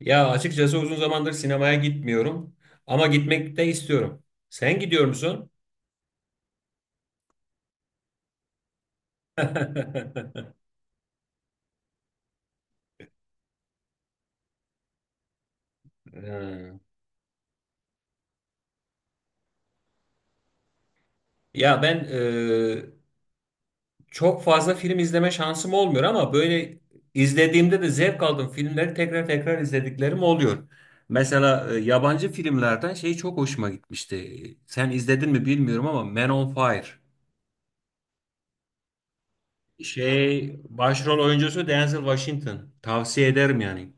Ya açıkçası uzun zamandır sinemaya gitmiyorum ama gitmek de istiyorum. Sen gidiyor musun? Ee, Ya ben çok fazla film izleme şansım olmuyor ama böyle izlediğimde de zevk aldığım filmleri tekrar tekrar izlediklerim oluyor. Mesela yabancı filmlerden şey çok hoşuma gitmişti. Sen izledin mi bilmiyorum ama Man on Fire. Şey başrol oyuncusu Denzel Washington. Tavsiye ederim yani.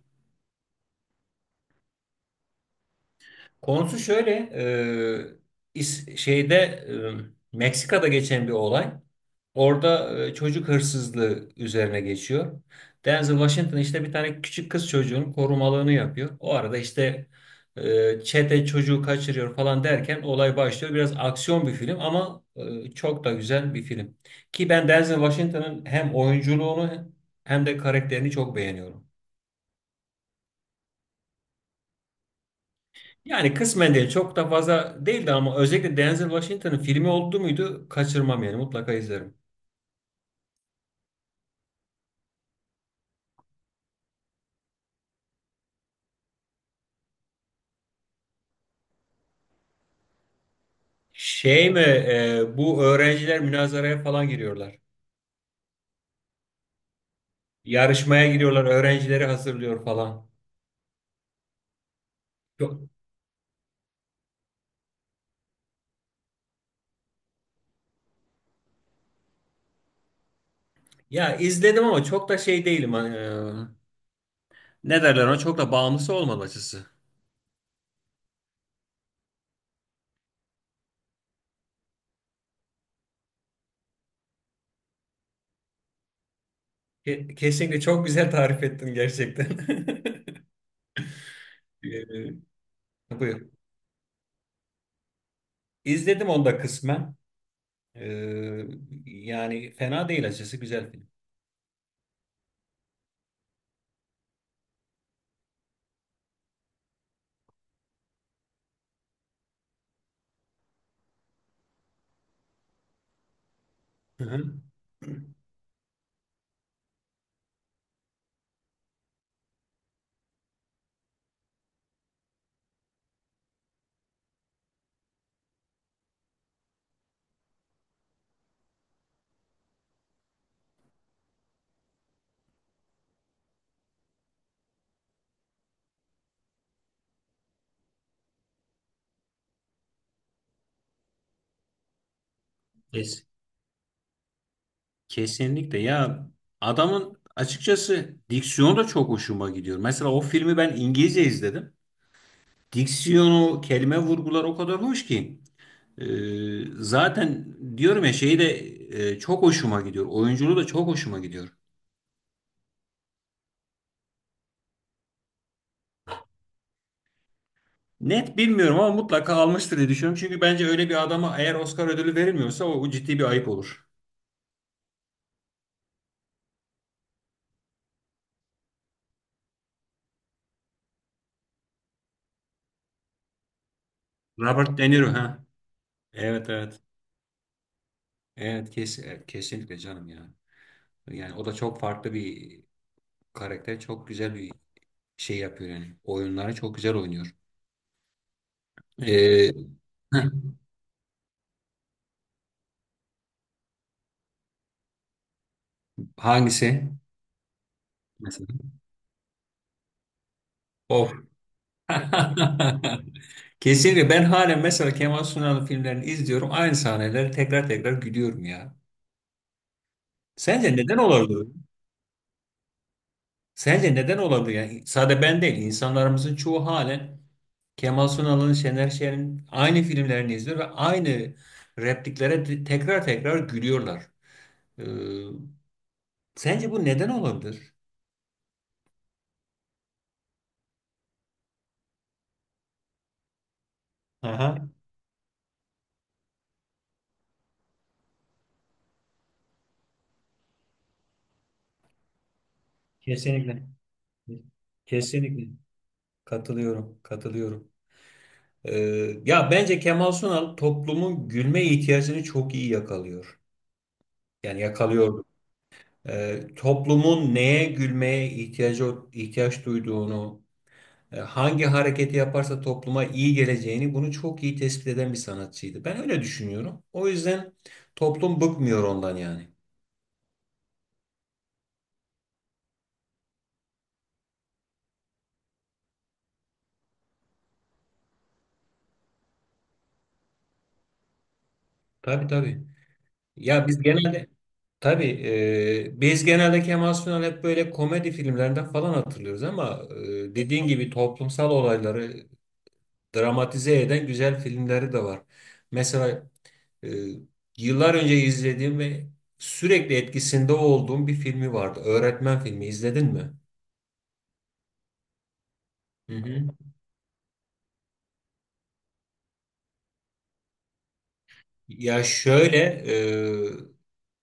Konusu şöyle, şeyde Meksika'da geçen bir olay. Orada çocuk hırsızlığı üzerine geçiyor. Denzel Washington işte bir tane küçük kız çocuğunun korumalığını yapıyor. O arada işte çete çocuğu kaçırıyor falan derken olay başlıyor. Biraz aksiyon bir film ama çok da güzel bir film. Ki ben Denzel Washington'ın hem oyunculuğunu hem de karakterini çok beğeniyorum. Yani kısmen değil. Çok da fazla değildi ama özellikle Denzel Washington'ın filmi oldu muydu kaçırmam yani mutlaka izlerim. Şey mi bu öğrenciler münazaraya falan giriyorlar. Yarışmaya giriyorlar, öğrencileri hazırlıyor falan. Çok, ya izledim ama çok da şey değilim. Hani, ne derler ona, çok da bağımlısı olmadım açısı. Kesinlikle çok güzel tarif ettin gerçekten. Buyur. İzledim onu da kısmen. E, Yani fena değil, açısı güzel film. Hı hı. Kesinlikle ya, adamın açıkçası diksiyonu da çok hoşuma gidiyor. Mesela o filmi ben İngilizce izledim. Diksiyonu, kelime vurgular o kadar hoş ki. Ee, Zaten diyorum ya, şeyi de çok hoşuma gidiyor. Oyunculuğu da çok hoşuma gidiyor. Net bilmiyorum ama mutlaka almıştır diye düşünüyorum. Çünkü bence öyle bir adama eğer Oscar ödülü verilmiyorsa o ciddi bir ayıp olur. Robert De Niro ha. Evet, evet. Evet, kesinlikle canım ya. Yani o da çok farklı bir karakter. Çok güzel bir şey yapıyor yani. Oyunlara çok güzel oynuyor. Evet. Hangisi? Mesela. Of. Kesinlikle ben halen mesela Kemal Sunal'ın filmlerini izliyorum. Aynı sahneleri tekrar tekrar gülüyorum ya. Sence neden olabilir? Sence neden olabilir? Yani sadece ben değil, insanlarımızın çoğu halen Kemal Sunal'ın, Şener Şen'in aynı filmlerini izliyor ve aynı repliklere tekrar tekrar gülüyorlar. Ee, Sence bu neden olabilir? Aha, kesinlikle. Kesinlikle katılıyorum, katılıyorum. Ee, Ya bence Kemal Sunal toplumun gülme ihtiyacını çok iyi yakalıyor. Yani yakalıyordu. Toplumun neye gülmeye ihtiyaç duyduğunu, hangi hareketi yaparsa topluma iyi geleceğini, bunu çok iyi tespit eden bir sanatçıydı. Ben öyle düşünüyorum. O yüzden toplum bıkmıyor ondan yani. Tabii, tabii. Ya biz genelde, tabii, biz genelde Kemal Sunal hep böyle komedi filmlerinden falan hatırlıyoruz ama dediğin gibi toplumsal olayları dramatize eden güzel filmleri de var. Mesela e, yıllar önce izlediğim ve sürekli etkisinde olduğum bir filmi vardı. Öğretmen filmi izledin mi? Hı hı. Ya şöyle, e,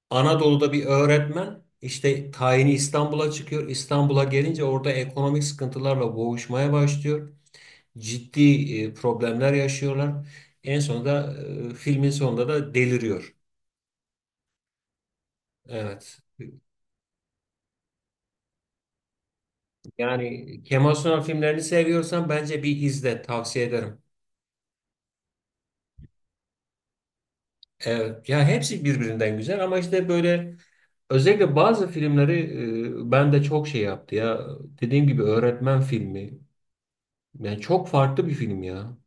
Anadolu'da bir öğretmen, işte tayini İstanbul'a çıkıyor. İstanbul'a gelince orada ekonomik sıkıntılarla boğuşmaya başlıyor. Ciddi problemler yaşıyorlar. En sonunda, filmin sonunda da deliriyor. Evet. Yani Kemal Sunal filmlerini seviyorsan bence bir izle, tavsiye ederim. Evet. Ya hepsi birbirinden güzel ama işte böyle özellikle bazı filmleri ben de çok şey yaptı ya. Dediğim gibi öğretmen filmi. Yani çok farklı bir film ya.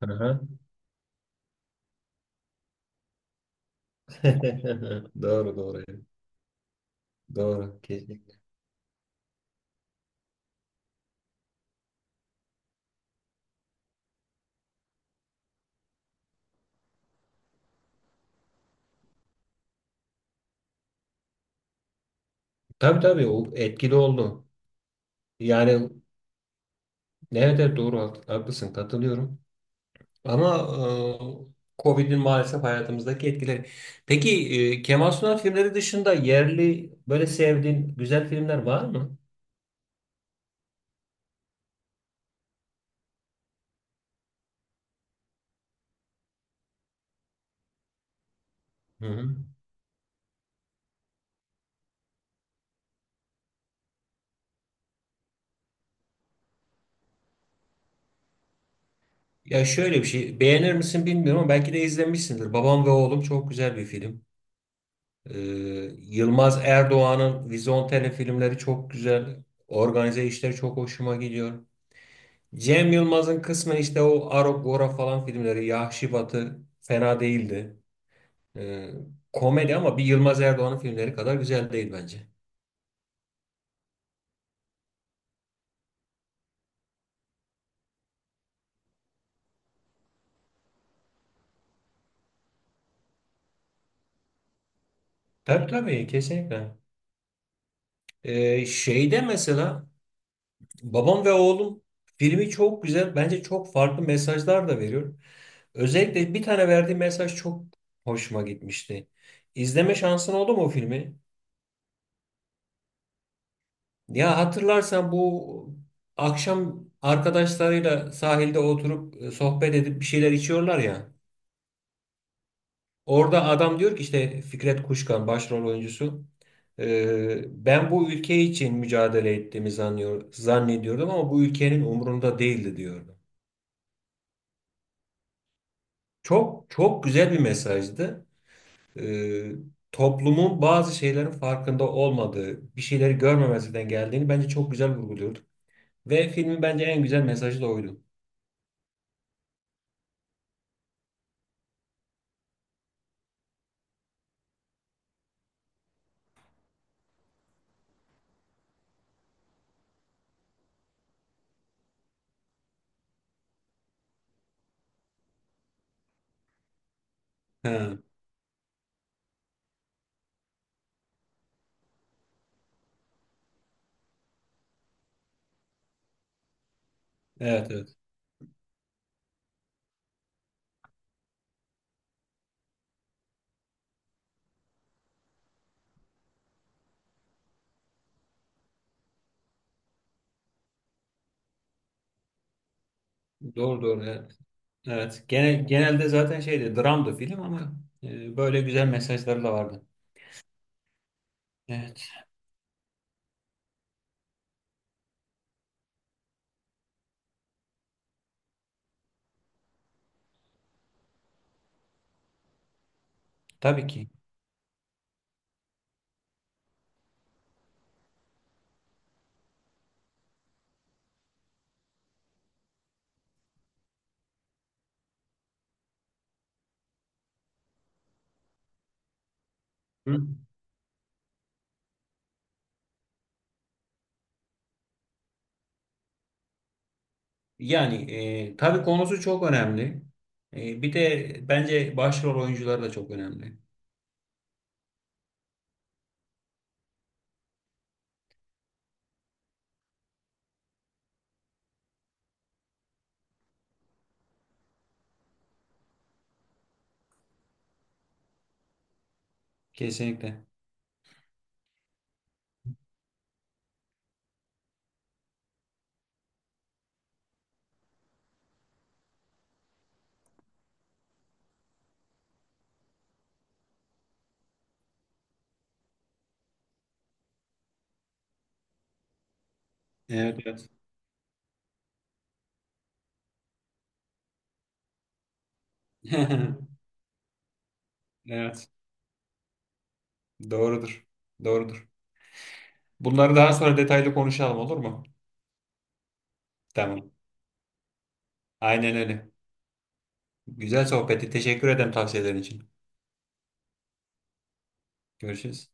Hı hı. Doğru, doğru. Doğru. Kesinlikle. Tabii, tabii, o etkili oldu. Yani, evet, evet, doğru, haklısın, katılıyorum. Ama Covid'in maalesef hayatımızdaki etkileri. Peki, Kemal Sunal filmleri dışında yerli böyle sevdiğin güzel filmler var mı? Hı hı. Ya şöyle bir şey, beğenir misin bilmiyorum ama belki de izlemişsindir. Babam ve Oğlum çok güzel bir film. E, Yılmaz Erdoğan'ın Vizontele filmleri çok güzel. Organize işleri çok hoşuma gidiyor. Cem Yılmaz'ın kısmen işte o Arogora falan filmleri, Yahşi Batı fena değildi. Ee, Komedi ama bir Yılmaz Erdoğan'ın filmleri kadar güzel değil bence. Tabii, tabii, kesinlikle. Şeyde mesela, Babam ve Oğlum filmi çok güzel. Bence çok farklı mesajlar da veriyor. Özellikle bir tane verdiği mesaj çok hoşuma gitmişti. İzleme şansın oldu mu o filmi? Ya hatırlarsan, bu akşam arkadaşlarıyla sahilde oturup sohbet edip bir şeyler içiyorlar ya. Orada adam diyor ki, işte Fikret Kuşkan başrol oyuncusu. Ben bu ülke için mücadele ettiğimi zannediyordum ama bu ülkenin umurunda değildi," diyordu. Çok çok güzel bir mesajdı. Ee, Toplumun bazı şeylerin farkında olmadığı, bir şeyleri görmemezlikten geldiğini bence çok güzel vurguluyordu. Ve filmin bence en güzel mesajı da oydu. Ha, evet, evet. Doğru, doğru. Evet. Evet. Genelde zaten şeydi, dramdı film ama böyle güzel mesajları da vardı. Evet. Tabii ki. Hı. Yani tabii konusu çok önemli. Bir de bence başrol oyuncuları da çok önemli. Kesinlikle. Evet, evet. Evet, doğrudur. Doğrudur. Bunları daha sonra detaylı konuşalım, olur mu? Tamam. Aynen öyle. Güzel sohbeti, teşekkür ederim tavsiyelerin için. Görüşürüz.